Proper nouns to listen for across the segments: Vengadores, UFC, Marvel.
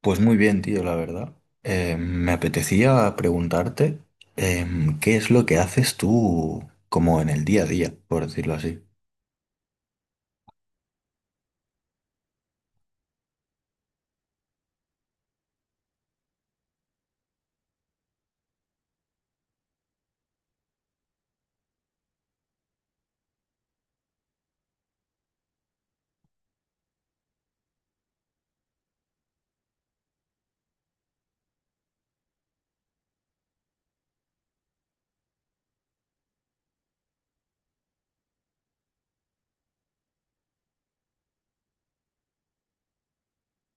Pues muy bien, tío, la verdad. Me apetecía preguntarte qué es lo que haces tú como en el día a día, por decirlo así.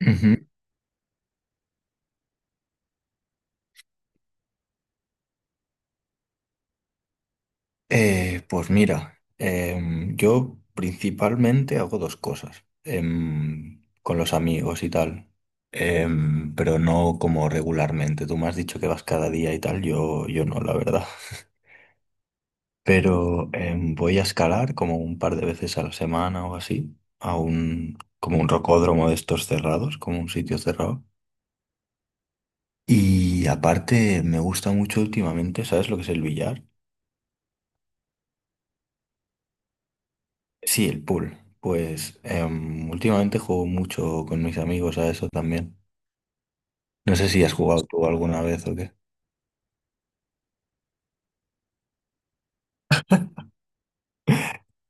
Ujú. Pues mira, yo principalmente hago dos cosas con los amigos y tal, pero no como regularmente. Tú me has dicho que vas cada día y tal, yo no, la verdad. Pero voy a escalar como un par de veces a la semana o así, a un, como un rocódromo de estos cerrados, como un sitio cerrado. Y aparte me gusta mucho últimamente, ¿sabes lo que es el billar? Sí, el pool. Pues últimamente juego mucho con mis amigos a eso también. No sé si has jugado tú alguna vez o qué.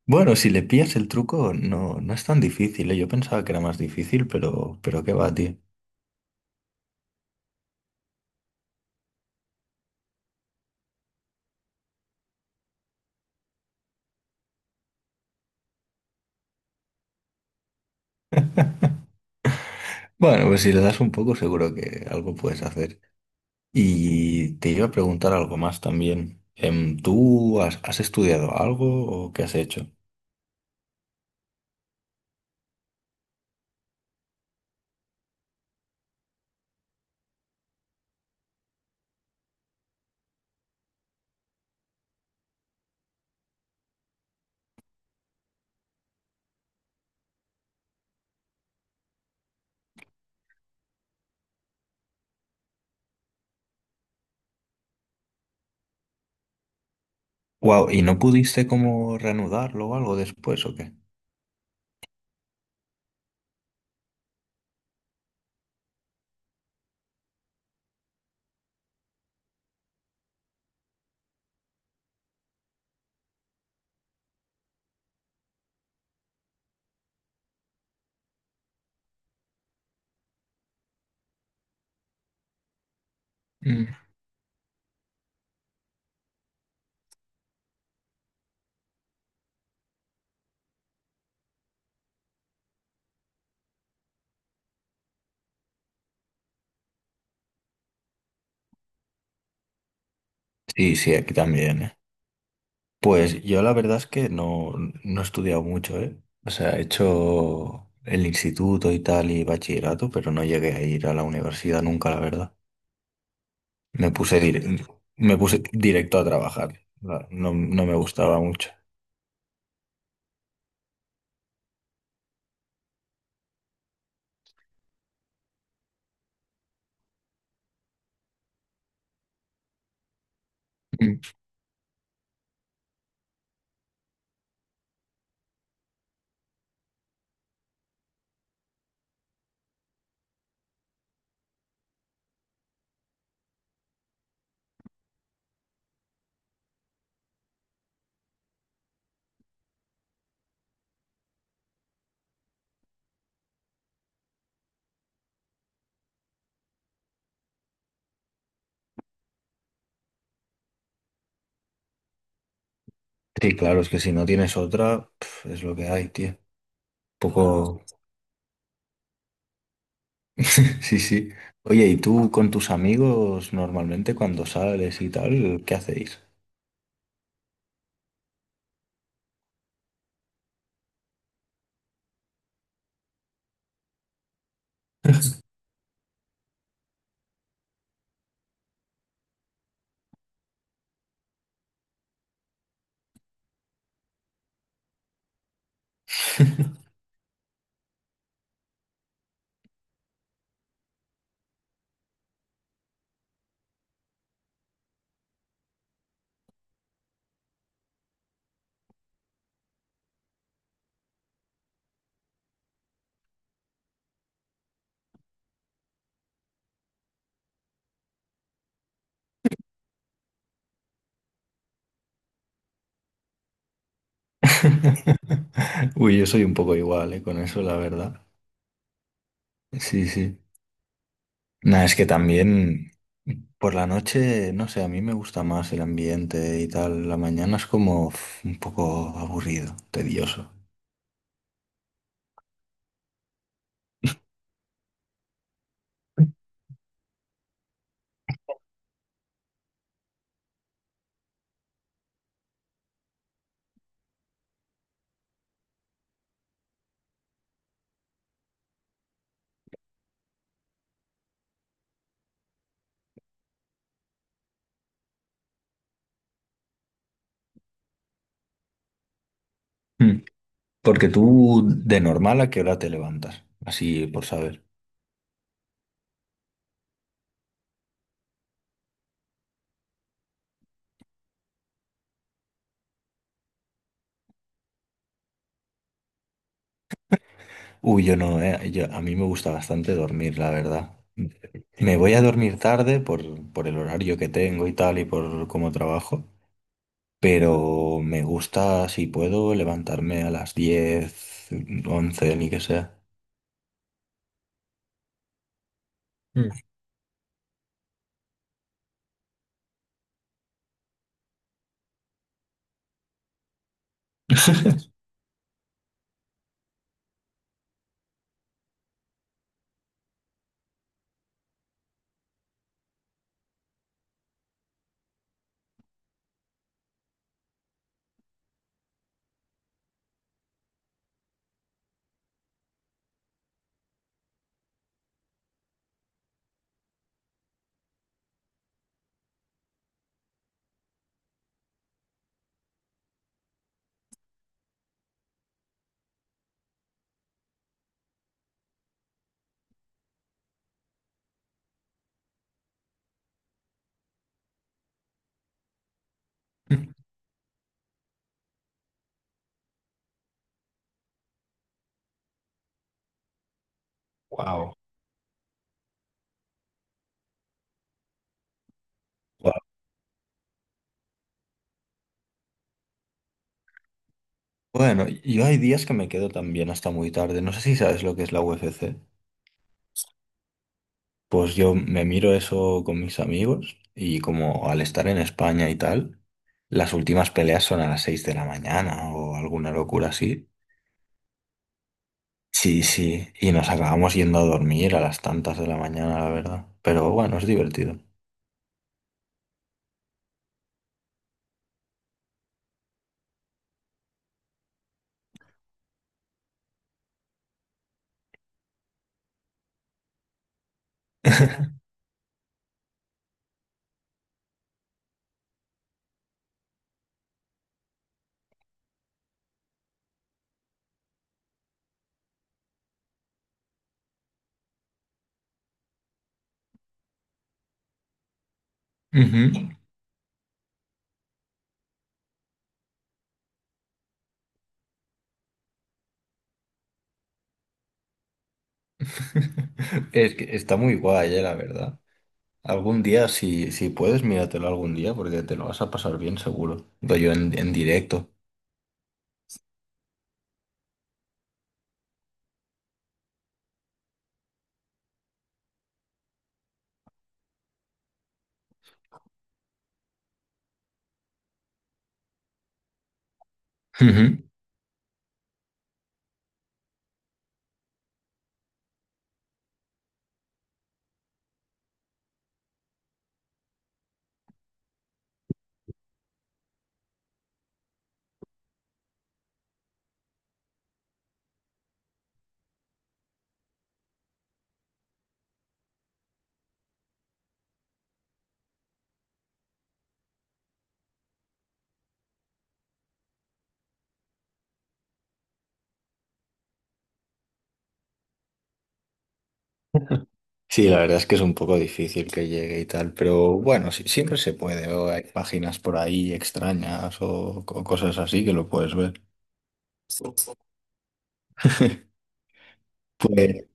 Bueno, si le pillas el truco, no, no es tan difícil, ¿eh? Yo pensaba que era más difícil, pero qué va, tío. Bueno, pues si le das un poco, seguro que algo puedes hacer. Y te iba a preguntar algo más también. ¿Tú has estudiado algo o qué has hecho? Wow, ¿y no pudiste como reanudarlo o algo después o qué? Mm. Sí, sí, aquí también, ¿eh? Pues yo la verdad es que no, no he estudiado mucho, ¿eh? O sea, he hecho el instituto y tal y bachillerato, pero no llegué a ir a la universidad nunca, la verdad. Me puse, dir- Me puse directo a trabajar. No, no me gustaba mucho. Sí, claro, es que si no tienes otra, pf, es lo que hay, tío. Claro. Poco. Sí, sí. Oye, ¿y tú con tus amigos normalmente cuando sales y tal, qué hacéis? Uy, yo soy un poco igual, con eso, la verdad. Sí, sí. Nada, es que también por la noche, no sé, a mí me gusta más el ambiente y tal. La mañana es como uf, un poco aburrido, tedioso. Mm. Porque tú, de normal, ¿a qué hora te levantas? Así por saber. Uy, yo no, yo, a mí me gusta bastante dormir, la verdad. Me voy a dormir tarde por el horario que tengo y tal y por cómo trabajo, pero me gusta, si puedo, levantarme a las 10 u 11 ni que sea. Wow. Guau. Bueno, yo hay días que me quedo también hasta muy tarde. No sé si sabes lo que es la UFC. Pues yo me miro eso con mis amigos y como al estar en España y tal, las últimas peleas son a las 6 de la mañana o alguna locura así. Sí, sí, y nos acabamos yendo a dormir a las tantas de la mañana, la verdad. Pero bueno, es divertido. Ujú. Es que está muy guay, la verdad. Algún día, si, si puedes, míratelo algún día porque te lo vas a pasar bien seguro. Doy yo en directo. Ujú. Sí, la verdad es que es un poco difícil que llegue y tal, pero bueno, sí, siempre se puede, o hay páginas por ahí extrañas o, co- cosas así que lo puedes ver. Pues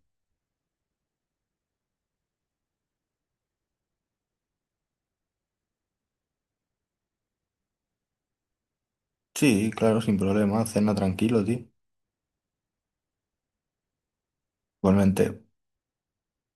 sí, claro, sin problema, cena tranquilo, tío. Igualmente.